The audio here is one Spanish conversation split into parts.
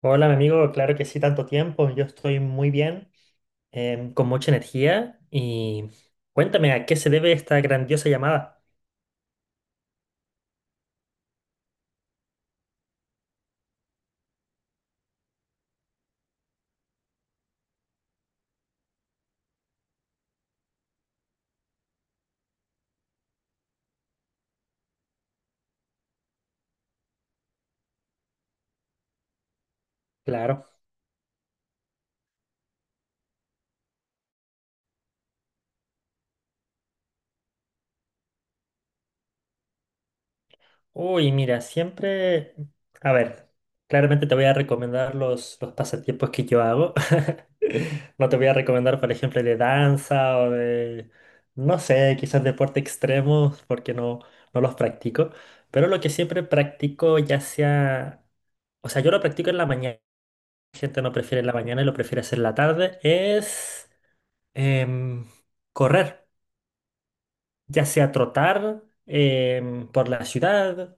Hola, mi amigo, claro que sí, tanto tiempo. Yo estoy muy bien, con mucha energía. Y cuéntame, ¿a qué se debe esta grandiosa llamada? Claro. Uy, mira, siempre. A ver, claramente te voy a recomendar los pasatiempos que yo hago. No te voy a recomendar, por ejemplo, de danza o de, no sé, quizás deporte extremo, porque no los practico. Pero lo que siempre practico, ya sea. O sea, yo lo practico en la mañana. La gente no prefiere la mañana y lo prefiere hacer la tarde, es em, correr, ya sea trotar por la ciudad.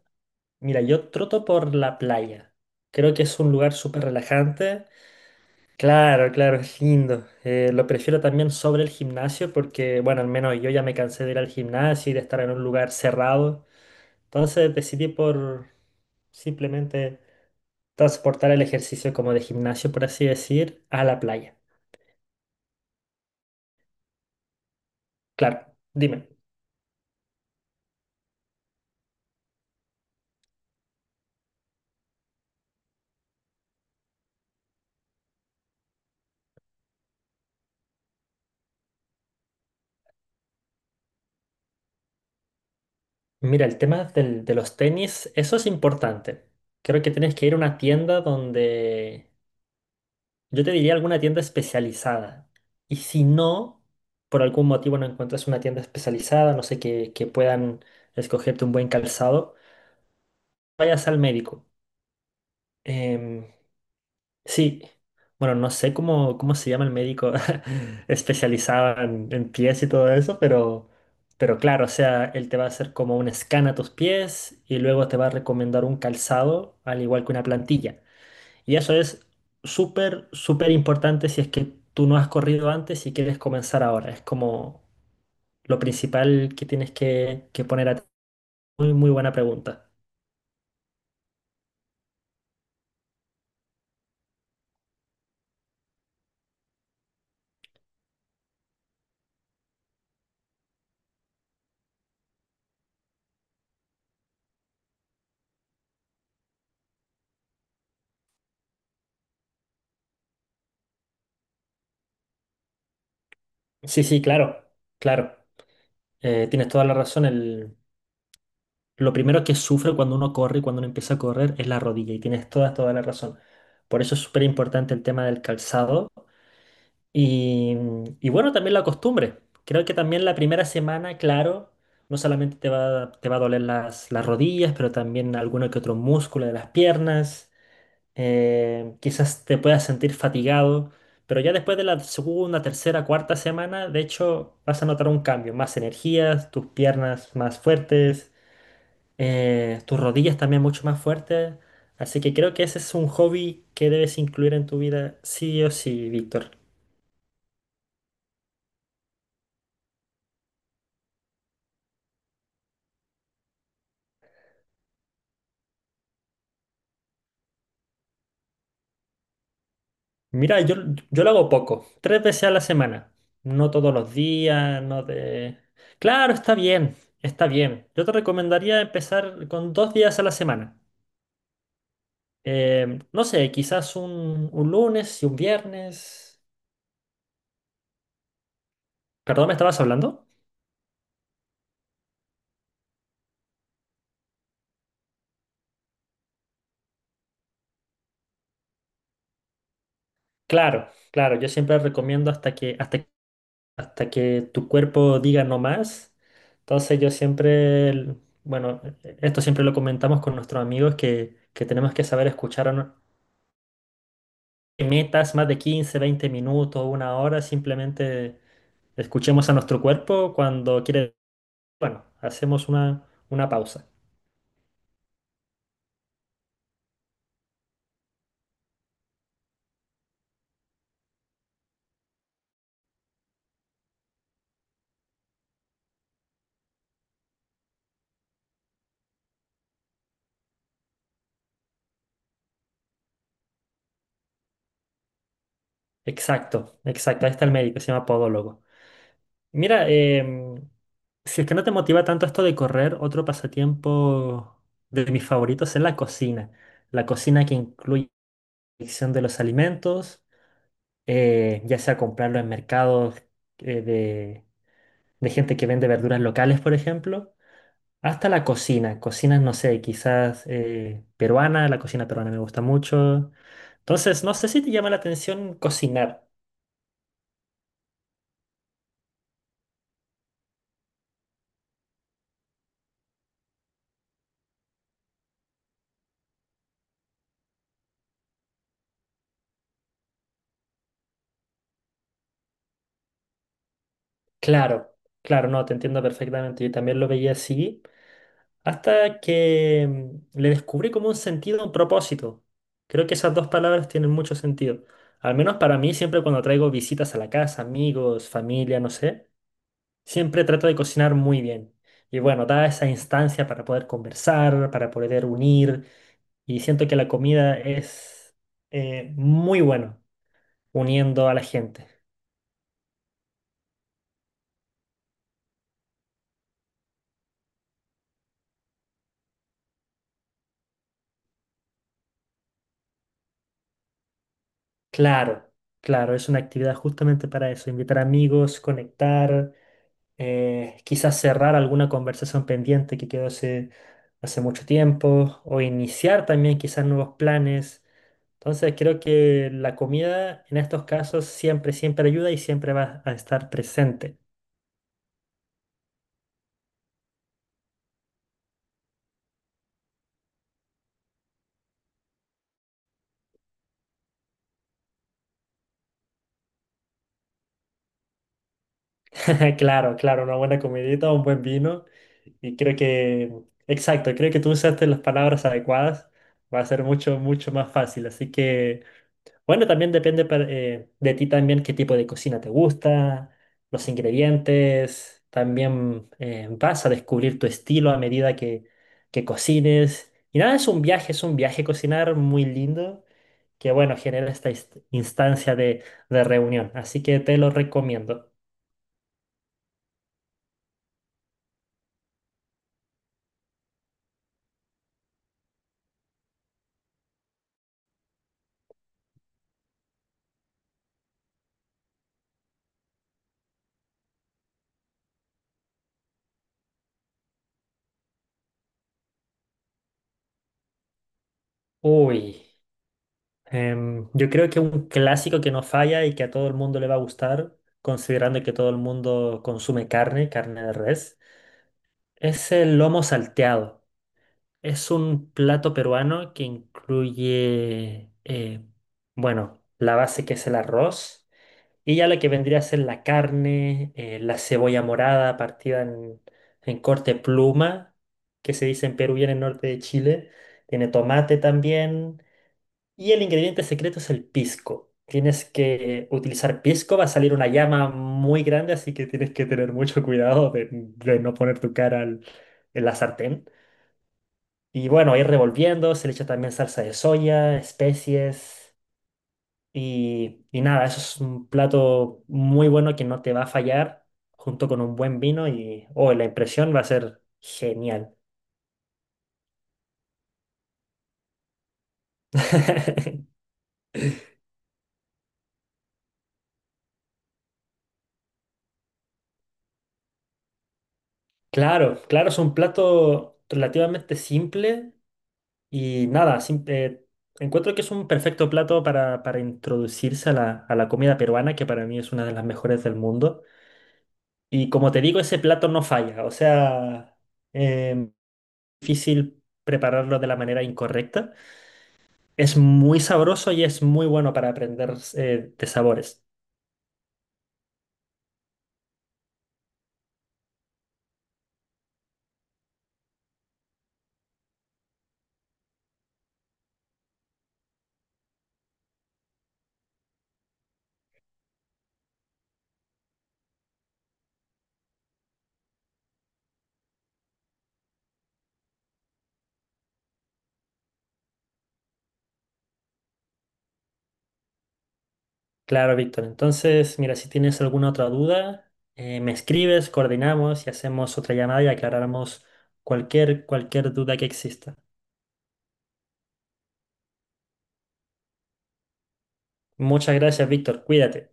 Mira, yo troto por la playa. Creo que es un lugar súper relajante. Claro, claro, es lindo. Lo prefiero también sobre el gimnasio porque, bueno, al menos yo ya me cansé de ir al gimnasio y de estar en un lugar cerrado. Entonces decidí por simplemente transportar el ejercicio como de gimnasio, por así decir, a la playa. Claro, dime. Mira, el tema de los tenis, eso es importante. Creo que tienes que ir a una tienda donde, yo te diría alguna tienda especializada. Y si no, por algún motivo no encuentras una tienda especializada, no sé, que puedan escogerte un buen calzado, vayas al médico. Em, Sí, bueno, no sé cómo se llama el médico especializado en pies y todo eso, pero claro, o sea, él te va a hacer como un scan a tus pies y luego te va a recomendar un calzado, al igual que una plantilla. Y eso es súper, súper importante si es que tú no has corrido antes y quieres comenzar ahora. Es como lo principal que tienes que poner a. Muy, muy buena pregunta. Sí, sí, claro, claro. Tienes toda la razón. Lo primero que sufre cuando uno corre, y cuando uno empieza a correr, es la rodilla y tienes toda, toda la razón. Por eso es súper importante el tema del calzado y, y bueno, también la costumbre. Creo que también la primera semana, claro, no solamente te va a doler las rodillas, pero también alguno que otro músculo de las piernas. Quizás te puedas sentir fatigado, pero ya después de la segunda, tercera, cuarta semana, de hecho, vas a notar un cambio, más energías, tus piernas más fuertes, tus rodillas también mucho más fuertes. Así que creo que ese es un hobby que debes incluir en tu vida, sí o sí, Víctor. Mira, yo lo hago poco, 3 veces a la semana. No todos los días, no de. Claro, está bien, está bien. Yo te recomendaría empezar con 2 días a la semana. No sé, quizás un lunes y un viernes. ¿Perdón, me estabas hablando? Claro, claro, yo siempre recomiendo hasta que tu cuerpo diga no más. Entonces yo siempre, bueno, esto siempre lo comentamos con nuestros amigos que tenemos que saber escuchar a metas más de 15 20 minutos, una hora, simplemente escuchemos a nuestro cuerpo cuando quiere, bueno, hacemos una pausa. Exacto, exacto. Ahí está el médico, se llama podólogo. Mira, si es que no te motiva tanto esto de correr, otro pasatiempo de mis favoritos es la cocina. La cocina que incluye la elección de los alimentos, ya sea comprarlo en mercados, eh, de, de gente que vende verduras locales, por ejemplo, hasta la cocina. Cocinas, no sé, quizás peruana, la cocina peruana me gusta mucho. Entonces, no sé si te llama la atención cocinar. Claro, claro, no, te entiendo perfectamente. Yo también lo veía así, hasta que le descubrí como un sentido, un propósito. Creo que esas dos palabras tienen mucho sentido. Al menos para mí, siempre cuando traigo visitas a la casa, amigos, familia, no sé, siempre trato de cocinar muy bien. Y bueno, da esa instancia para poder conversar, para poder unir, y siento que la comida es muy bueno uniendo a la gente. Claro, claro, es una actividad justamente para eso, invitar amigos, conectar, quizás cerrar alguna conversación pendiente que quedó hace mucho tiempo, o iniciar también quizás nuevos planes. Entonces creo que la comida en estos casos siempre, siempre ayuda y siempre va a estar presente. Claro, claro, una buena comidita, un buen vino. Y creo que, exacto, creo que tú usaste las palabras adecuadas. Va a ser mucho, mucho más fácil. Así que. Bueno, también depende de ti también qué tipo de cocina te gusta, los ingredientes. También vas a descubrir tu estilo a medida que cocines. Y nada, es un viaje cocinar muy lindo que, bueno, genera esta instancia de reunión. Así que te lo recomiendo. Uy, yo creo que un clásico que no falla y que a todo el mundo le va a gustar, considerando que todo el mundo consume carne, carne de res, es el lomo salteado. Es un plato peruano que incluye, bueno, la base que es el arroz y ya lo que vendría a ser la carne, la cebolla morada partida en corte pluma, que se dice en Perú y en el norte de Chile. Tiene tomate también. Y el ingrediente secreto es el pisco. Tienes que utilizar pisco, va a salir una llama muy grande, así que tienes que tener mucho cuidado de no poner tu cara en la sartén. Y bueno, ir revolviendo, se le echa también salsa de soya, especies y nada, eso es un plato muy bueno que no te va a fallar junto con un buen vino y oh, la impresión va a ser genial. Claro, claro, es un plato relativamente simple y nada, encuentro que es un perfecto plato para introducirse a la comida peruana, que para mí es una de las mejores del mundo. Y como te digo, ese plato no falla, o sea, em, difícil prepararlo de la manera incorrecta. Es muy sabroso y es muy bueno para aprender, de sabores. Claro, Víctor. Entonces, mira, si tienes alguna otra duda, me escribes, coordinamos y hacemos otra llamada y aclaramos cualquier duda que exista. Muchas gracias, Víctor. Cuídate.